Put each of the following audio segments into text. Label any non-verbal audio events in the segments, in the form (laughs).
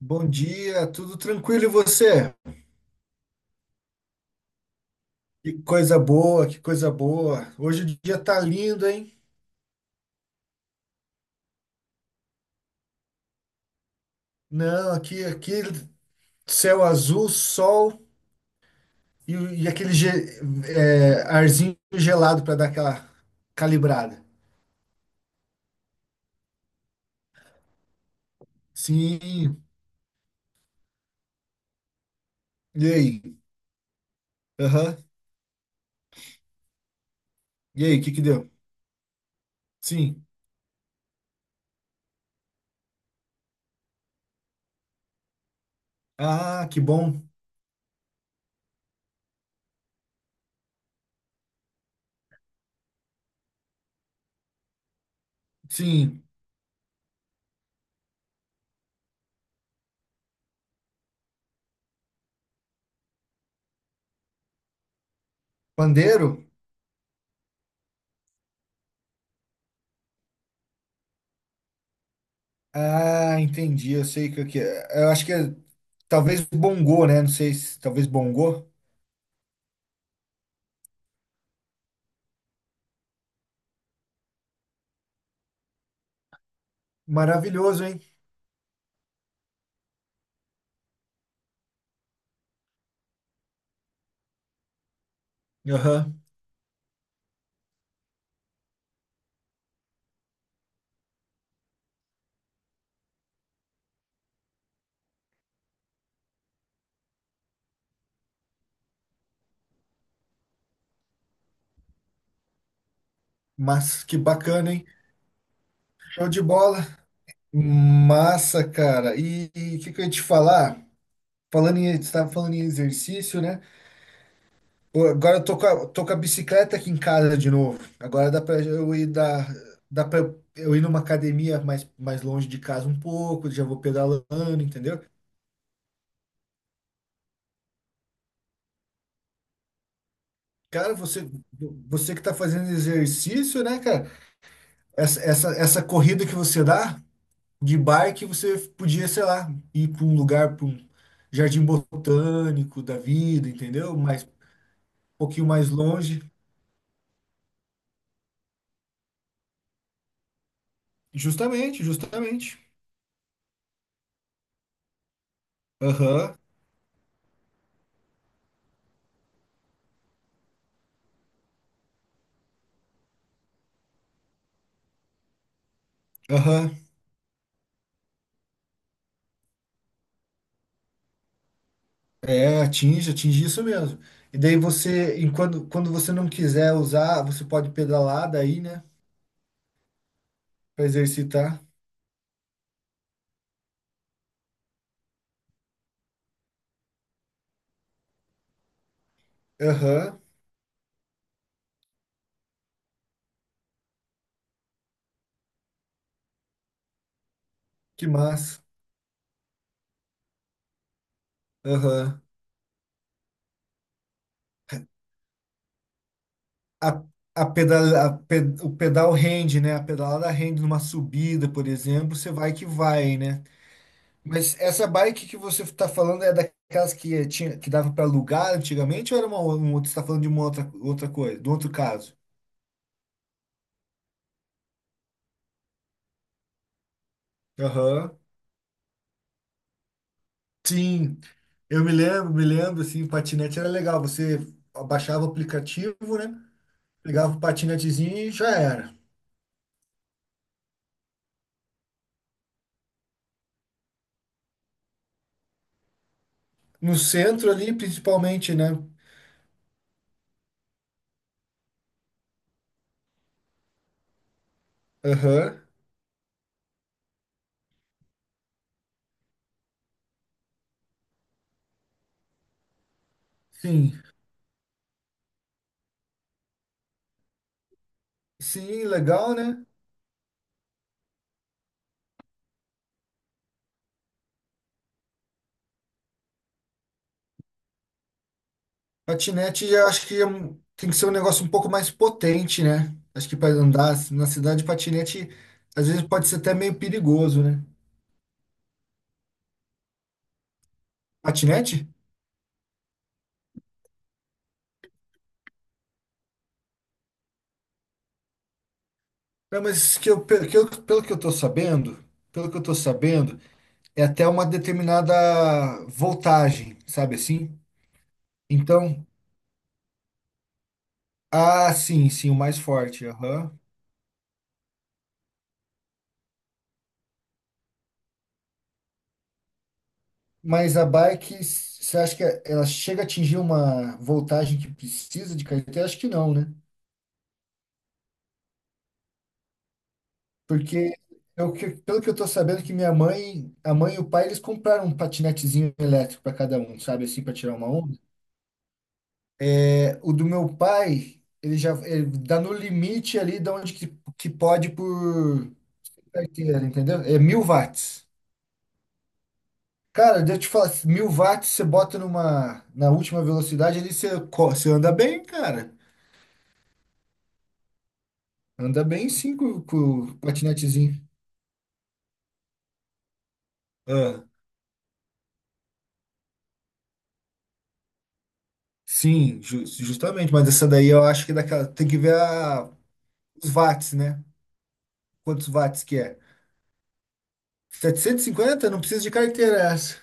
Bom dia, tudo tranquilo e você? Que coisa boa, que coisa boa. Hoje o dia tá lindo, hein? Não, aqui céu azul, sol e, e aquele arzinho gelado para dar aquela calibrada. Sim. E aí? Aham. E aí, o que que deu? Sim. Ah, que bom. Sim. Pandeiro? Ah, entendi. Eu sei o que que é. Eu acho que talvez bongô, né? Não sei se talvez bongô. Maravilhoso, hein? Aham. Mas que bacana, hein? Show de bola. Massa, cara. E o que, que eu ia te falar? Estava falando em exercício, né? Pô, agora eu tô com a bicicleta aqui em casa de novo. Agora dá para eu ir numa academia mais longe de casa um pouco, já vou pedalando, entendeu? Cara, você que tá fazendo exercício, né, cara? Essa corrida que você dá, de bike você podia, sei lá, ir para um lugar, para um jardim botânico da vida, entendeu? Mas um pouquinho mais longe. Justamente, justamente. Aham, aham. É, atinge isso mesmo. E daí e quando você não quiser usar, você pode pedalar daí, né? Para exercitar. Aham, que massa. Aham. A, a pedala, a ped- O pedal rende, né? A pedalada rende numa subida, por exemplo, você vai que vai, né? Mas essa bike que você está falando é daquelas que tinha, que dava para alugar antigamente ou era um outro? Você está falando de uma outra coisa, de um outro caso? Aham. Sim, eu me lembro, assim, patinete era legal. Você baixava o aplicativo, né? Pegava o patinetezinho e já era. No centro ali, principalmente, né? Aham. Sim. Sim, legal, né? Patinete, eu acho que tem que ser um negócio um pouco mais potente, né? Acho que para andar na cidade, patinete às vezes pode ser até meio perigoso, né? Patinete? Não, mas que eu, pe- que eu- pelo que eu tô sabendo, pelo que eu tô sabendo, é até uma determinada voltagem, sabe assim? Então, ah, sim, sim, o mais forte, aham. Mas a bike, você acha que ela chega a atingir uma voltagem que precisa de carteira? Acho que não, né? Porque pelo que eu tô sabendo que a mãe e o pai, eles compraram um patinetezinho elétrico para cada um, sabe assim, para tirar uma onda. É, o do meu pai, ele dá no limite ali de onde que pode por carteira, entendeu? É 1.000 watts. Cara, deixa eu te falar, 1.000 watts você bota na última velocidade ali, você anda bem, cara. Anda bem sim com o patinetezinho. Ah, sim, justamente, mas essa daí eu acho que é daquela, tem que ver a os watts, né? Quantos watts que é? 750? Não precisa de carteira essa.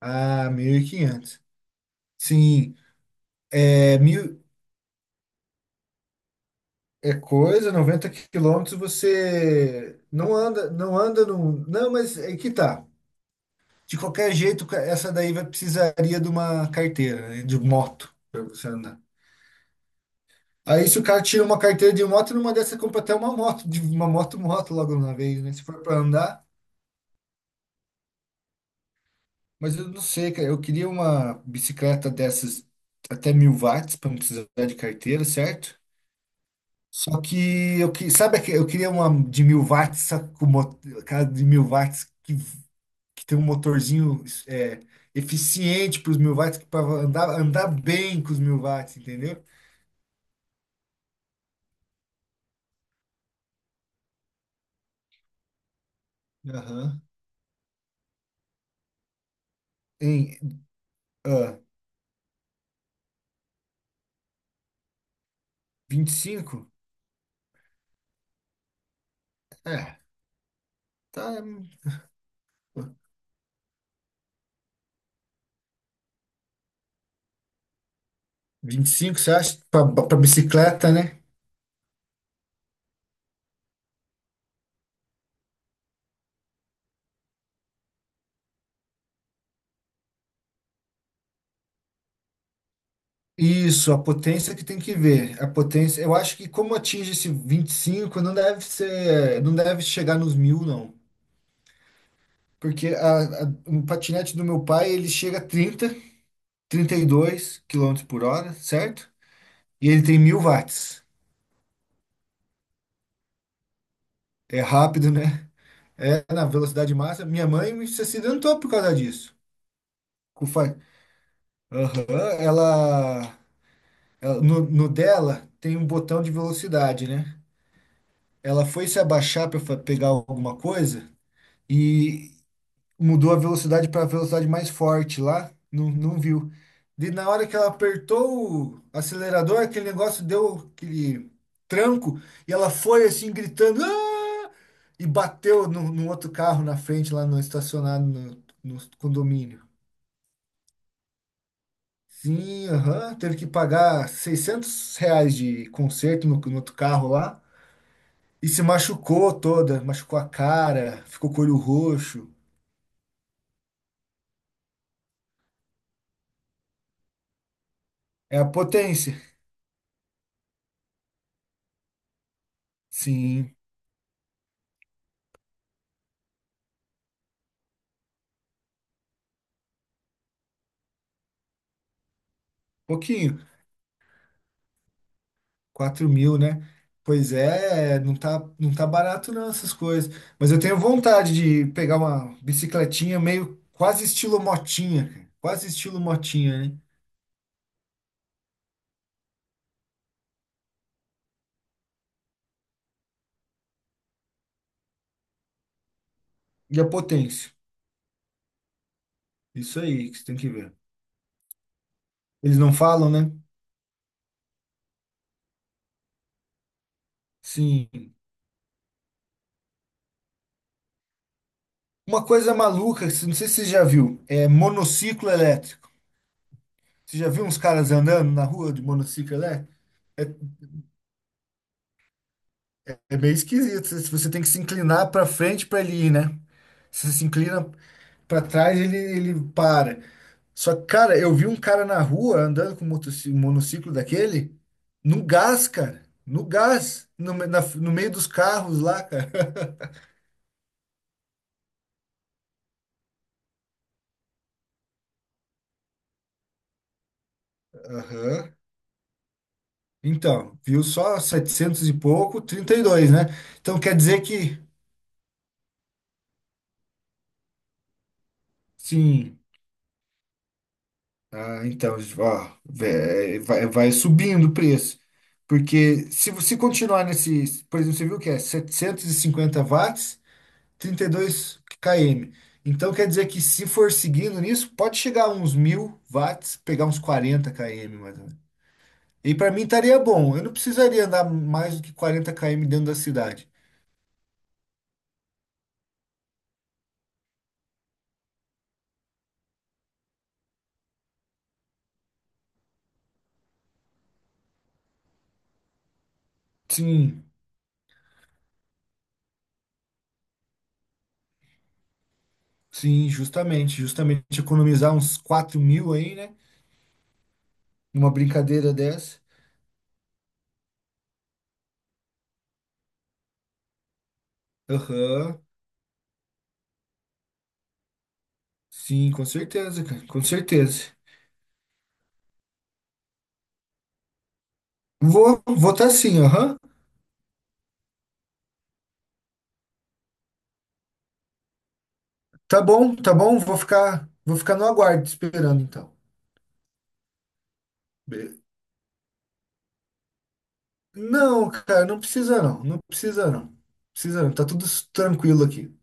Ah, 1.500. Sim, é mil é coisa, 90 quilômetros você não anda, não anda num. Não, mas é que tá. De qualquer jeito, essa daí vai precisaria de uma carteira, né? De moto, para você andar. Aí se o cara tira uma carteira de moto, numa dessa compra até uma moto, de uma moto logo na vez, né? Se for para andar. Mas eu não sei, cara. Eu queria uma bicicleta dessas até 1.000 watts para não precisar de carteira, certo? Só que eu que sabe que eu queria uma de 1.000 watts, só que aquela de 1.000 watts que tem um motorzinho eficiente para os 1.000 watts para andar bem com os 1.000 watts, entendeu? Aham. Em ah, 25? É, tá. 25. Você acha? Para bicicleta, né? Isso, a potência que tem que ver. A potência, eu acho que como atinge esse 25 não deve ser, não deve chegar nos mil, não. Porque o patinete do meu pai, ele chega a 30, 32 quilômetros por hora, certo? E ele tem 1.000 watts. É rápido, né? É na velocidade máxima. Minha mãe se acidentou por causa disso. Com fa- Aham, ela, no dela tem um botão de velocidade, né? Ela foi se abaixar para pegar alguma coisa. Mudou a velocidade para a velocidade mais forte lá, não, não viu. E na hora que ela apertou o acelerador, aquele negócio deu aquele tranco e ela foi assim gritando "Ah!" e bateu no outro carro na frente lá no estacionado no condomínio. Sim, aham, teve que pagar R$ 600 de conserto no outro carro lá e se machucou toda, machucou a cara, ficou com o olho roxo. É a potência. Sim, pouquinho. 4.000, né? Pois é, não tá, não tá barato não essas coisas. Mas eu tenho vontade de pegar uma bicicletinha meio quase estilo motinha, cara. Quase estilo motinha, né? E a potência. Isso aí que você tem que ver. Eles não falam, né? Sim. Uma coisa maluca, que não sei se você já viu, é monociclo elétrico. Você já viu uns caras andando na rua de monociclo elétrico? É, é meio esquisito. Você tem que se inclinar pra frente pra ele ir, né? Você se inclina pra trás ele para. Só que, cara, eu vi um cara na rua andando com um um monociclo daquele no gás, cara. No gás. No meio dos carros lá, cara. (laughs) Aham. Então, viu só 700 e pouco, 32 né? Então quer dizer que, sim. Ah, então, ó, vai subindo o preço. Porque se você continuar nesse, por exemplo, você viu que é 750 watts. 32 km. Então quer dizer que se for seguindo nisso, pode chegar a uns 1.000 watts, pegar uns 40 km mais ou menos. E para mim estaria bom. Eu não precisaria andar mais do que 40 km dentro da cidade. Sim, sim, justamente, justamente economizar uns 4.000 aí, né? Numa brincadeira dessa. Aham. Sim, com certeza, cara, com certeza. Vou tá sim, aham. Tá bom, vou ficar no aguardo te esperando então. Be- Não, cara, não precisa não. Não precisa não. Precisa não. Tá tudo tranquilo aqui.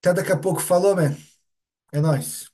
Até daqui a pouco. Falou, man. É nóis.